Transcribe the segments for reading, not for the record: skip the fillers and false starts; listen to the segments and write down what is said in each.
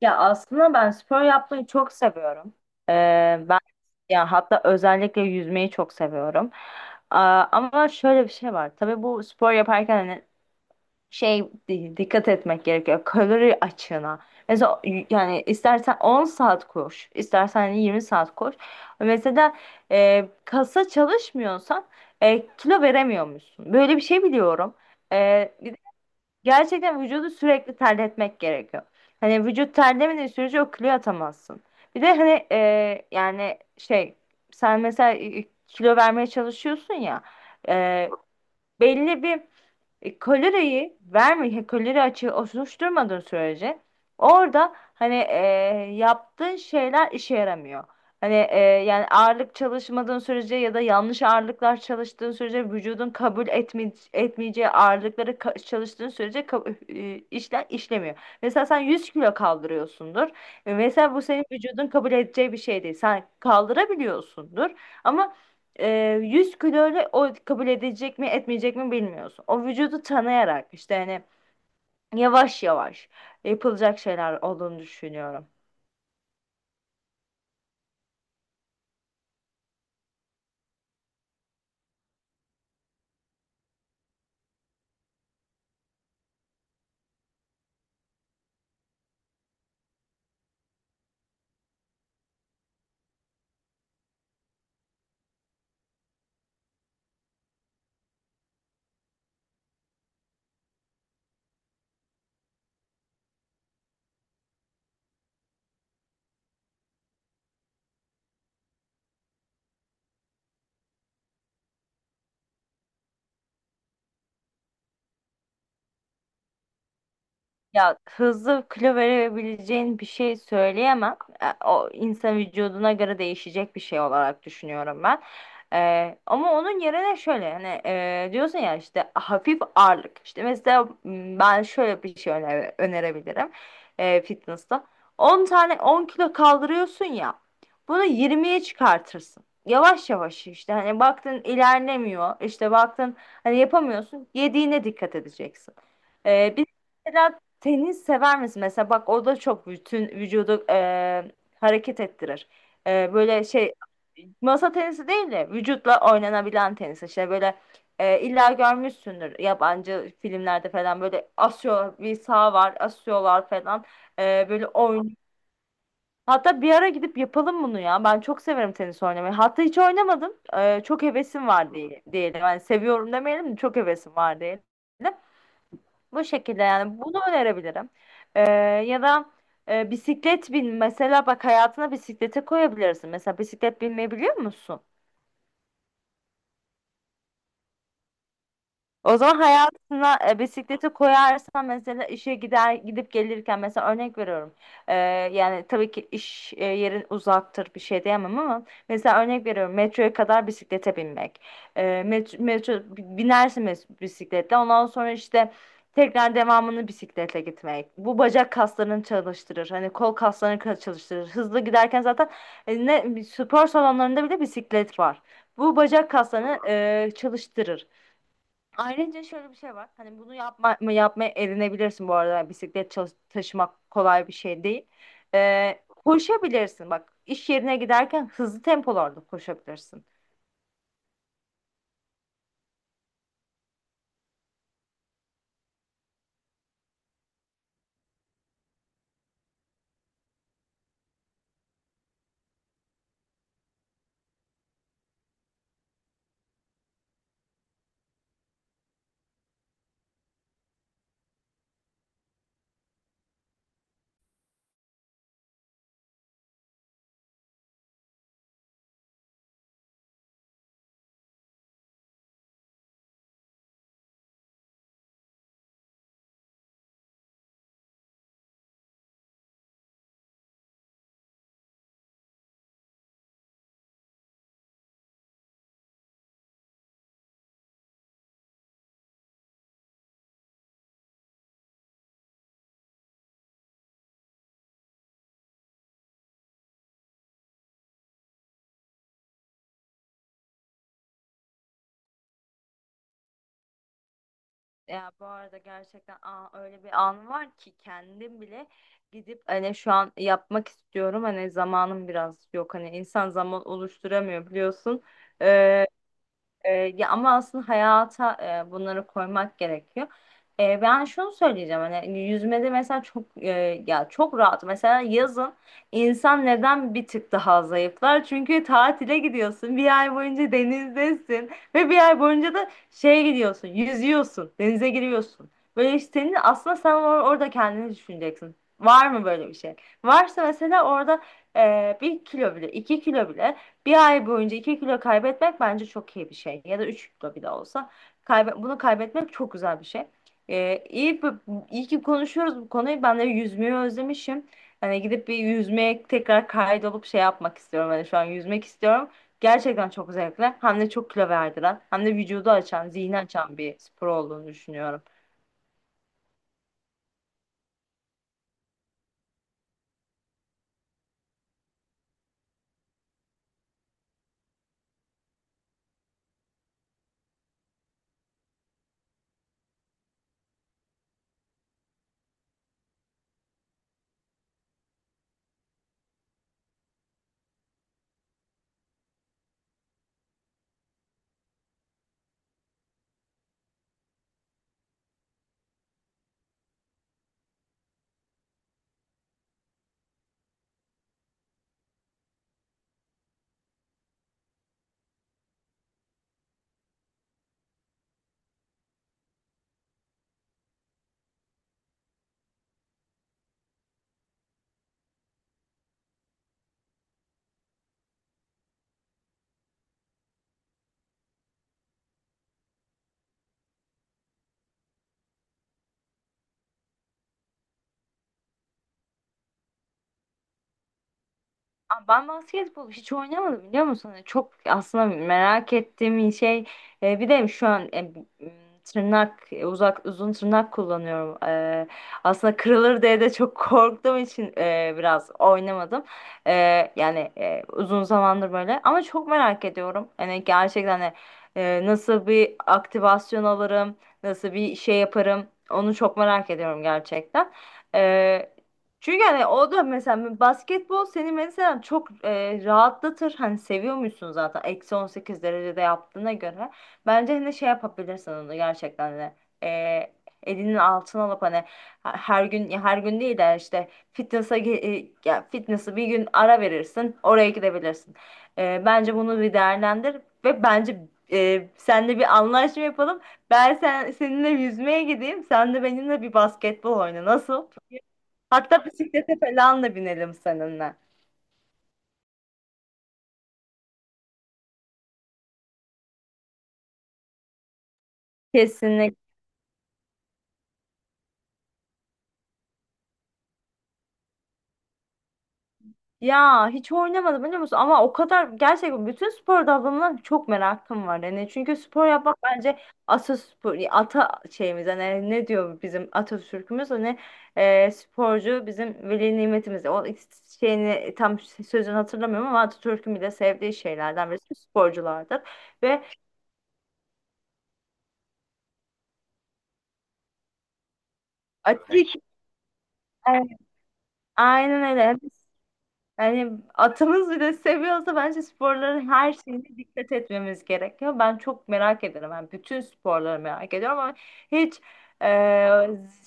Ya aslında ben spor yapmayı çok seviyorum. Ee, ben Ya hatta özellikle yüzmeyi çok seviyorum. Ama şöyle bir şey var. Tabii bu spor yaparken hani dikkat etmek gerekiyor. Kalori açığına. Mesela yani istersen 10 saat koş, istersen hani 20 saat koş. Mesela kasa çalışmıyorsan kilo veremiyormuşsun. Böyle bir şey biliyorum. E, Gerçekten vücudu sürekli terletmek gerekiyor. Hani vücut terlemediği sürece o kiloyu atamazsın. Bir de hani, yani sen mesela kilo vermeye çalışıyorsun ya. e, Belli bir kalori açığı oluşturmadığın sürece orada hani, yaptığın şeyler işe yaramıyor. Hani, yani ağırlık çalışmadığın sürece ya da yanlış ağırlıklar çalıştığın sürece vücudun kabul etmeyeceği ağırlıkları çalıştığın sürece işler işlemiyor. Mesela sen 100 kilo kaldırıyorsundur. Mesela bu senin vücudun kabul edeceği bir şey değil. Sen kaldırabiliyorsundur ama 100 kiloyla o kabul edecek mi etmeyecek mi bilmiyorsun. O vücudu tanıyarak işte hani yavaş yavaş yapılacak şeyler olduğunu düşünüyorum. Ya hızlı kilo verebileceğin bir şey söyleyemem. O insan vücuduna göre değişecek bir şey olarak düşünüyorum ben. Ama onun yerine şöyle hani, diyorsun ya işte hafif ağırlık. İşte mesela, ben şöyle bir şey önerebilirim fitness'ta. 10 tane 10 kilo kaldırıyorsun ya. Bunu 20'ye çıkartırsın. Yavaş yavaş işte hani baktın ilerlemiyor. İşte baktın hani yapamıyorsun. Yediğine dikkat edeceksin. E, bir Mesela tenis sever misin? Mesela bak o da çok bütün vücudu hareket ettirir. E, böyle şey Masa tenisi değil de vücutla oynanabilen tenis. İşte böyle, illa görmüşsündür yabancı filmlerde falan böyle asıyor bir saha var asıyorlar falan. Böyle oyun. Hatta bir ara gidip yapalım bunu ya. Ben çok severim tenis oynamayı. Hatta hiç oynamadım. Çok hevesim var diyelim. Yani seviyorum demeyelim de çok hevesim var diyelim. Bu şekilde yani bunu önerebilirim. Ee, Ya da bisiklet bin. Mesela bak hayatına bisiklete koyabilirsin. Mesela bisiklet binmeyi biliyor musun? O zaman hayatına bisikleti koyarsan mesela işe gider gidip gelirken mesela örnek veriyorum. E, Yani tabii ki iş yerin uzaktır bir şey diyemem ama mesela örnek veriyorum metroya kadar bisiklete binmek. Metro, binersin bisikletle ondan sonra işte tekrar devamını bisikletle gitmek. Bu bacak kaslarını çalıştırır. Hani kol kaslarını çalıştırır. Hızlı giderken zaten e, ne spor salonlarında bile bisiklet var. Bu bacak kaslarını çalıştırır. Ayrıca şöyle bir şey var. Hani yapmaya edinebilirsin bu arada. Yani taşımak kolay bir şey değil. Koşabilirsin. Bak iş yerine giderken hızlı tempolarda koşabilirsin. Ya bu arada gerçekten, öyle bir an var ki kendim bile gidip hani şu an yapmak istiyorum. Hani zamanım biraz yok. Hani insan zaman oluşturamıyor biliyorsun. Ee, Ya ama aslında hayata bunları koymak gerekiyor. Ben şunu söyleyeceğim hani, yüzmede mesela çok, ya çok rahat mesela yazın insan neden bir tık daha zayıflar? Çünkü tatile gidiyorsun bir ay boyunca denizdesin ve bir ay boyunca da şeye gidiyorsun yüzüyorsun denize giriyorsun. Böyle işte senin aslında sen orada kendini düşüneceksin. Var mı böyle bir şey? Varsa mesela orada 1 kilo bile 2 kilo bile bir ay boyunca 2 kilo kaybetmek bence çok iyi bir şey. Ya da 3 kilo bile olsa. Bunu kaybetmek çok güzel bir şey. İyi ki konuşuyoruz bu konuyu. Ben de yüzmeyi özlemişim. Hani gidip bir yüzmeye tekrar kaydolup şey yapmak istiyorum. Hani şu an yüzmek istiyorum. Gerçekten çok zevkli. Hem de çok kilo verdiren, hem de vücudu açan, zihni açan bir spor olduğunu düşünüyorum. Ben basketbol hiç oynamadım biliyor musun? Hani çok aslında merak ettiğim bir şey. Bir de şu an, tırnak, e, uzak uzun tırnak kullanıyorum. Aslında kırılır diye de çok korktuğum için biraz oynamadım. E, Yani, uzun zamandır böyle. Ama çok merak ediyorum. Hani gerçekten nasıl bir aktivasyon alırım, nasıl bir şey yaparım. Onu çok merak ediyorum gerçekten. Ee, Çünkü hani o da mesela basketbol seni mesela çok rahatlatır. Hani seviyor musun zaten eksi 18 derecede yaptığına göre. Bence hani şey yapabilirsin onu gerçekten de. E, Elinin altına alıp hani her gün, ya her gün değil de işte ya fitness'ı bir gün ara verirsin. Oraya gidebilirsin. Bence bunu bir değerlendir ve bence seninle bir anlaşma yapalım. Ben seninle yüzmeye gideyim. Sen de benimle bir basketbol oyna. Nasıl? Hatta bisiklete falan da binelim seninle. Kesinlikle. Ya hiç oynamadım biliyor musun? Ama o kadar gerçekten bütün spor dallarından çok merakım var. Yani çünkü spor yapmak bence, ata şeyimiz hani ne diyor bizim Atatürk'ümüz hani, sporcu bizim veli nimetimiz. O şeyini tam sözünü hatırlamıyorum ama Atatürk'ün bile sevdiği şeylerden birisi sporculardır. Ve atik, e, aynen öyle. Yani atımız bile seviyorsa bence sporların her şeyine dikkat etmemiz gerekiyor. Ben çok merak ederim. Ben bütün sporları merak ediyorum ama hiç, e,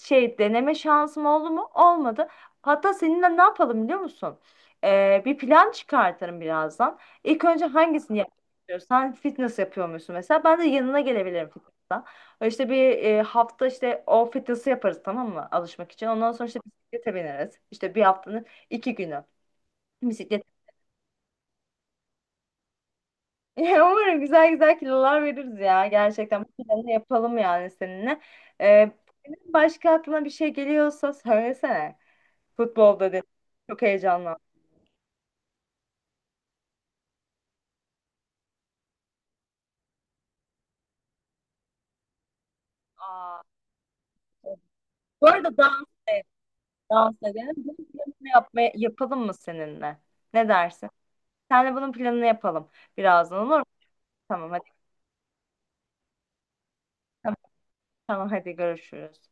deneme şansım oldu mu? Olmadı. Hatta seninle ne yapalım biliyor musun? Bir plan çıkartırım birazdan. İlk önce hangisini yapmak istiyorsun? Sen fitness yapıyor musun mesela? Ben de yanına gelebilirim fitness'a. İşte bir, hafta işte o fitness'ı yaparız, tamam mı? Alışmak için. Ondan sonra işte bisiklete bineriz. İşte bir haftanın 2 günü. Bisiklet. Umarım güzel güzel kilolar veririz ya. Gerçekten bu planı yapalım yani seninle. Ee, Senin başka aklına bir şey geliyorsa söylesene. Futbolda dedi. Çok heyecanlandım. Aa, evet. Bu arada dans edelim. Bunun yapalım mı seninle? Ne dersin? Senle bunun planını yapalım birazdan, olur mu? Tamam hadi. Tamam, tamam hadi görüşürüz.